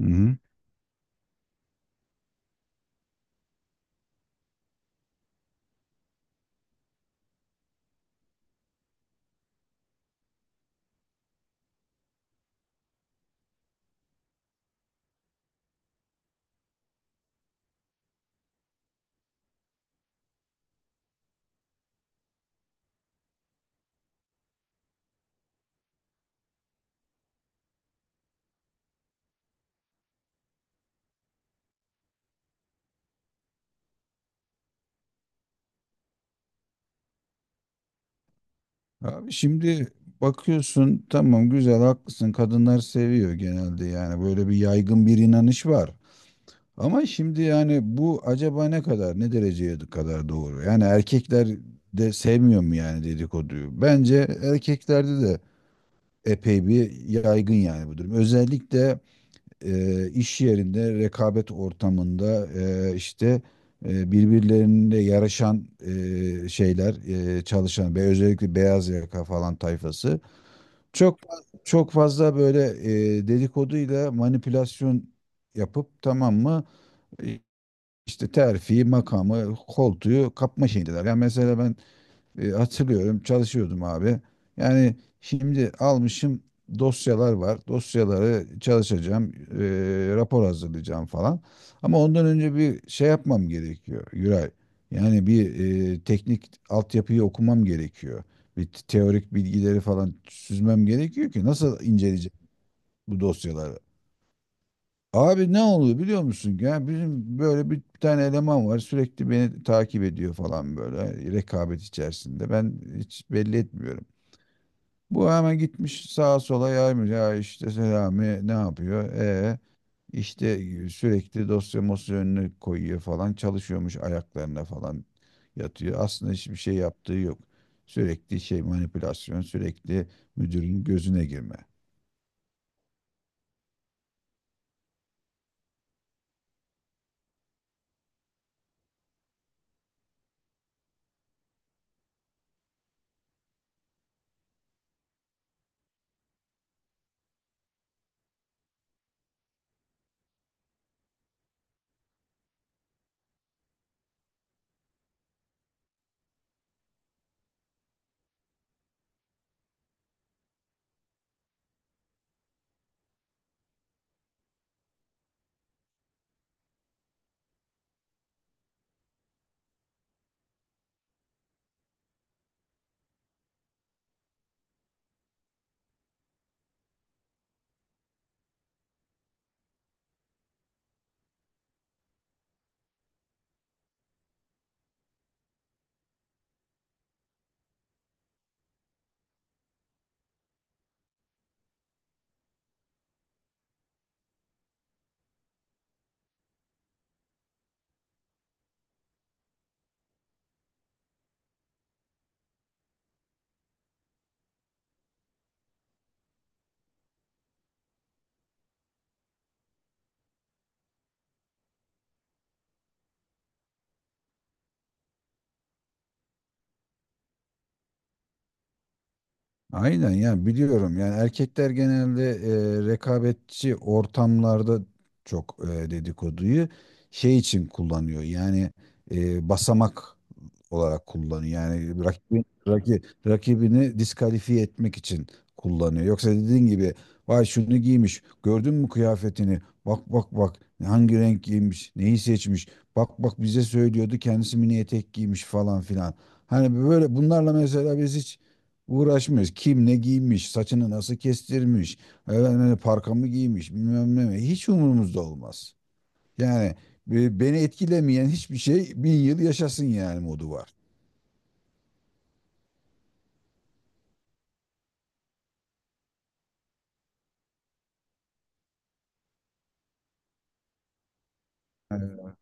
Hı hı. Abi şimdi bakıyorsun, tamam, güzel, haklısın, kadınlar seviyor genelde, yani böyle bir yaygın bir inanış var. Ama şimdi yani bu acaba ne kadar, ne dereceye kadar doğru? Yani erkekler de sevmiyor mu yani dedikoduyu? Bence erkeklerde de epey bir yaygın yani bu durum. Özellikle iş yerinde, rekabet ortamında, işte, birbirlerine yarışan şeyler, çalışan ve özellikle beyaz yaka falan tayfası çok çok fazla böyle dedikoduyla manipülasyon yapıp, tamam mı? e, işte terfiyi, makamı, koltuğu kapma şeyindeler. Yani mesela ben hatırlıyorum, çalışıyordum abi. Yani şimdi almışım, dosyalar var. Dosyaları çalışacağım, rapor hazırlayacağım falan. Ama ondan önce bir şey yapmam gerekiyor Yuray. Yani bir teknik altyapıyı okumam gerekiyor. Bir teorik bilgileri falan süzmem gerekiyor ki nasıl inceleyeceğim bu dosyaları? Abi ne oluyor biliyor musun? Ya bizim böyle bir tane eleman var, sürekli beni takip ediyor falan, böyle rekabet içerisinde. Ben hiç belli etmiyorum. Bu hemen gitmiş sağa sola yaymış. Ya işte Selami ne yapıyor? İşte sürekli dosya mosya önüne koyuyor falan. Çalışıyormuş, ayaklarına falan yatıyor. Aslında hiçbir şey yaptığı yok. Sürekli şey manipülasyon, sürekli müdürün gözüne girme. Aynen ya, biliyorum yani. Erkekler genelde rekabetçi ortamlarda çok dedikoduyu şey için kullanıyor, yani basamak olarak kullanıyor. Yani rakibini diskalifiye etmek için kullanıyor. Yoksa dediğin gibi, vay şunu giymiş, gördün mü kıyafetini? Bak bak bak, hangi renk giymiş, neyi seçmiş? Bak bak, bize söylüyordu, kendisi mini etek giymiş falan filan. Hani böyle bunlarla mesela biz hiç uğraşmıyoruz. Kim ne giymiş, saçını nasıl kestirmiş, efendim, parkamı giymiş, bilmem ne mi? Hiç umurumuzda olmaz. Yani beni etkilemeyen hiçbir şey, bin yıl yaşasın, yani modu var. Evet.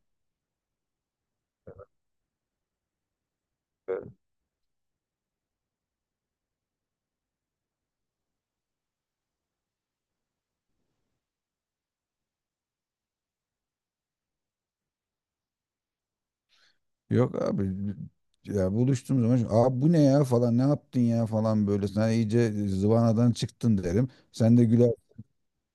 Yok abi, ya buluştuğum zaman, abi bu ne ya falan, ne yaptın ya falan, böyle sen iyice zıvanadan çıktın derim.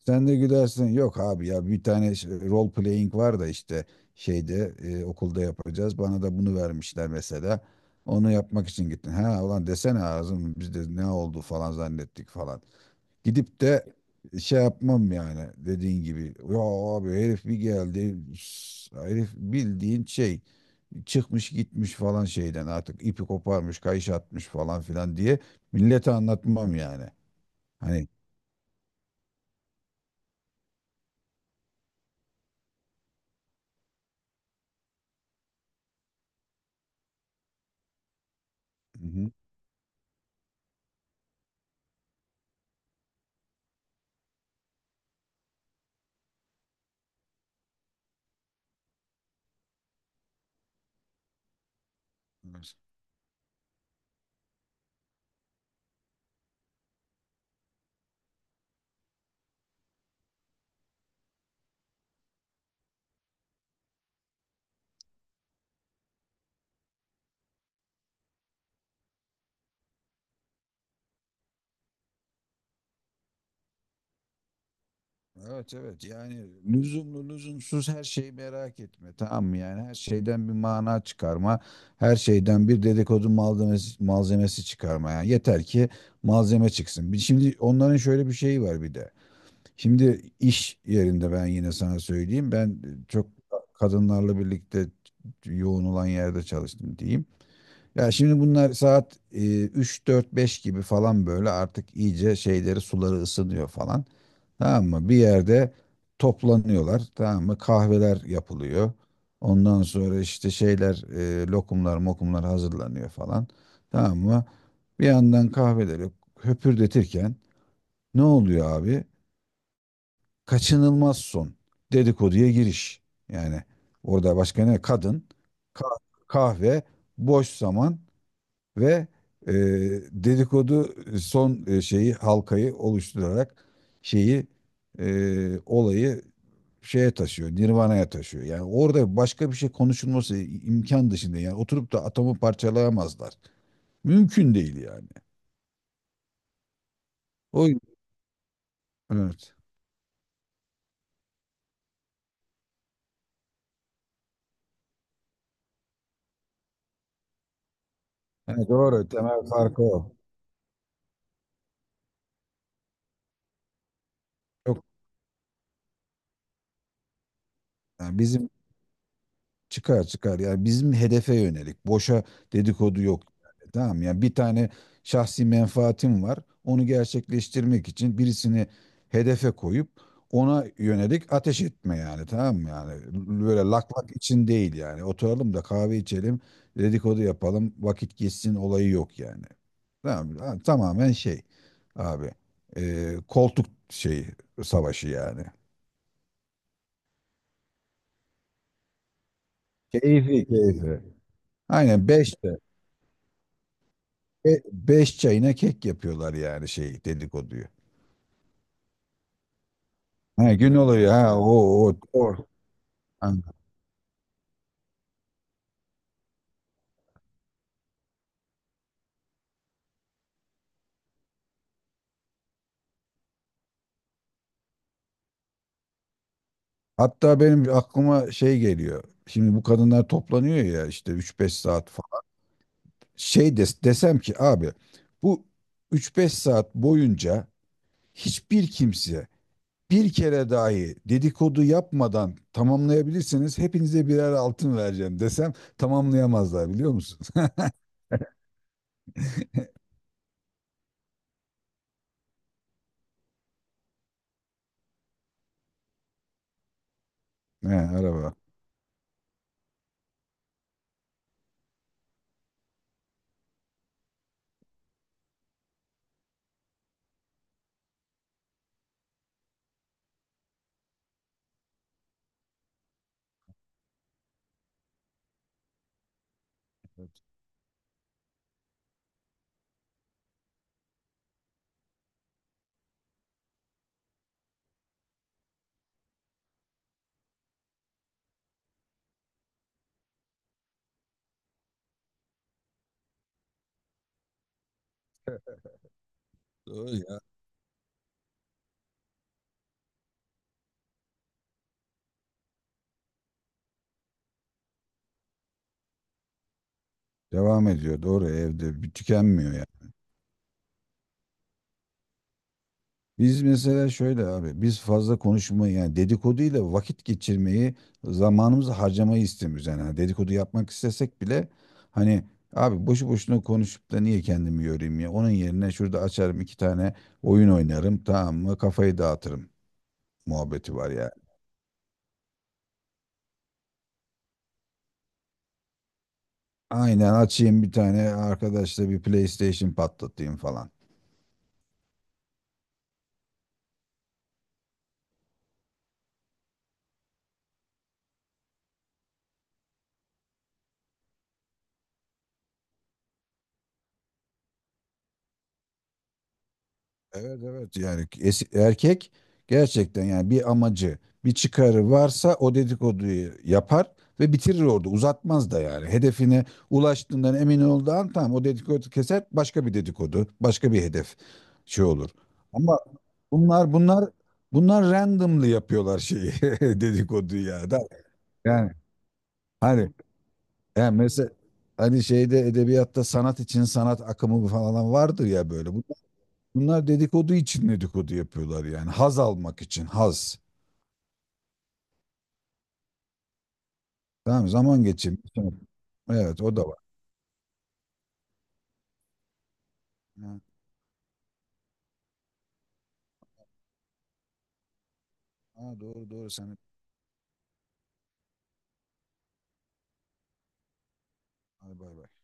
Sen de gülersin. Yok abi, ya bir tane role playing var da, işte şeyde okulda yapacağız. Bana da bunu vermişler mesela. Onu yapmak için gittin. Ha ulan, desene ağzım, biz de ne oldu falan zannettik falan. Gidip de şey yapmam yani, dediğin gibi. Ya abi herif bir geldi. Herif bildiğin şey çıkmış gitmiş falan, şeyden artık ipi koparmış, kayış atmış falan filan diye millete anlatmam yani. Hani. Hı hı. Evet evet, yani lüzumlu lüzumsuz her şeyi merak etme, tamam mı? Yani her şeyden bir mana çıkarma, her şeyden bir dedikodu malzemesi çıkarma yani, yeter ki malzeme çıksın. Şimdi onların şöyle bir şeyi var bir de. Şimdi iş yerinde ben yine sana söyleyeyim, ben çok kadınlarla birlikte yoğun olan yerde çalıştım diyeyim. Ya şimdi bunlar saat 3 4 5 gibi falan, böyle artık iyice şeyleri, suları ısınıyor falan. Tamam mı? Bir yerde toplanıyorlar. Tamam mı? Kahveler yapılıyor. Ondan sonra işte şeyler, lokumlar mokumlar hazırlanıyor falan. Tamam mı? Bir yandan kahveleri höpürdetirken ne oluyor abi? Kaçınılmaz son. Dedikoduya giriş. Yani orada başka ne? Kadın, kah- kahve, boş zaman ve e, dedikodu son şeyi, halkayı oluşturarak şeyi, olayı şeye taşıyor, Nirvana'ya taşıyor. Yani orada başka bir şey konuşulması imkan dışında, yani oturup da atomu parçalayamazlar. Mümkün değil yani. O, evet. Yani doğru, temel farkı o. Çok, yani bizim. Çıkar, çıkar. Yani bizim hedefe yönelik. Boşa dedikodu yok. Yani. Tamam, yani bir tane şahsi menfaatim var. Onu gerçekleştirmek için birisini hedefe koyup ona yönelik ateş etme yani, tamam mı yani? Böyle lak lak için değil yani, oturalım da kahve içelim, dedikodu yapalım, vakit geçsin olayı yok yani, tamam mı? Ha, tamamen şey abi, koltuk şeyi, savaşı yani. Keyfi, keyfi, aynen. Beş. Beş çayına kek yapıyorlar yani şey, dedikoduyu. Ha, gün oluyor, ha, o o. O. Ha. Hatta benim aklıma şey geliyor. Şimdi bu kadınlar toplanıyor ya işte üç beş saat falan. Şey desem ki abi, bu üç beş saat boyunca hiçbir kimse bir kere dahi dedikodu yapmadan tamamlayabilirseniz hepinize birer altın vereceğim desem, tamamlayamazlar biliyor musunuz? He, araba. Doğru ya. Devam ediyor, doğru, evde bir tükenmiyor. Biz mesela şöyle abi, biz fazla konuşmayı yani dedikoduyla vakit geçirmeyi, zamanımızı harcamayı istemiyoruz yani. Hani dedikodu yapmak istesek bile, hani abi boşu boşuna konuşup da niye kendimi yorayım ya, onun yerine şurada açarım iki tane oyun oynarım, tamam mı, kafayı dağıtırım muhabbeti var yani. Aynen, açayım bir tane arkadaşla bir PlayStation patlatayım falan. Evet evet yani, erkek gerçekten yani bir amacı, bir çıkarı varsa o dedikoduyu yapar ve bitirir orada, uzatmaz da yani hedefine ulaştığından emin olduğu an, tamam, o dedikodu keser, başka bir dedikodu, başka bir hedef şey olur. Ama bunlar bunlar bunlar randomly yapıyorlar şeyi, dedikoduyu ya da yani hani, yani mesela hani şeyde, edebiyatta sanat için sanat akımı falan vardır ya böyle. Bunlar dedikodu için dedikodu yapıyorlar yani. Haz almak için haz. Tamam mı? Zaman geçirmek için. Evet, o da var. Ha, ha, doğru doğru, sen hadi bay bay.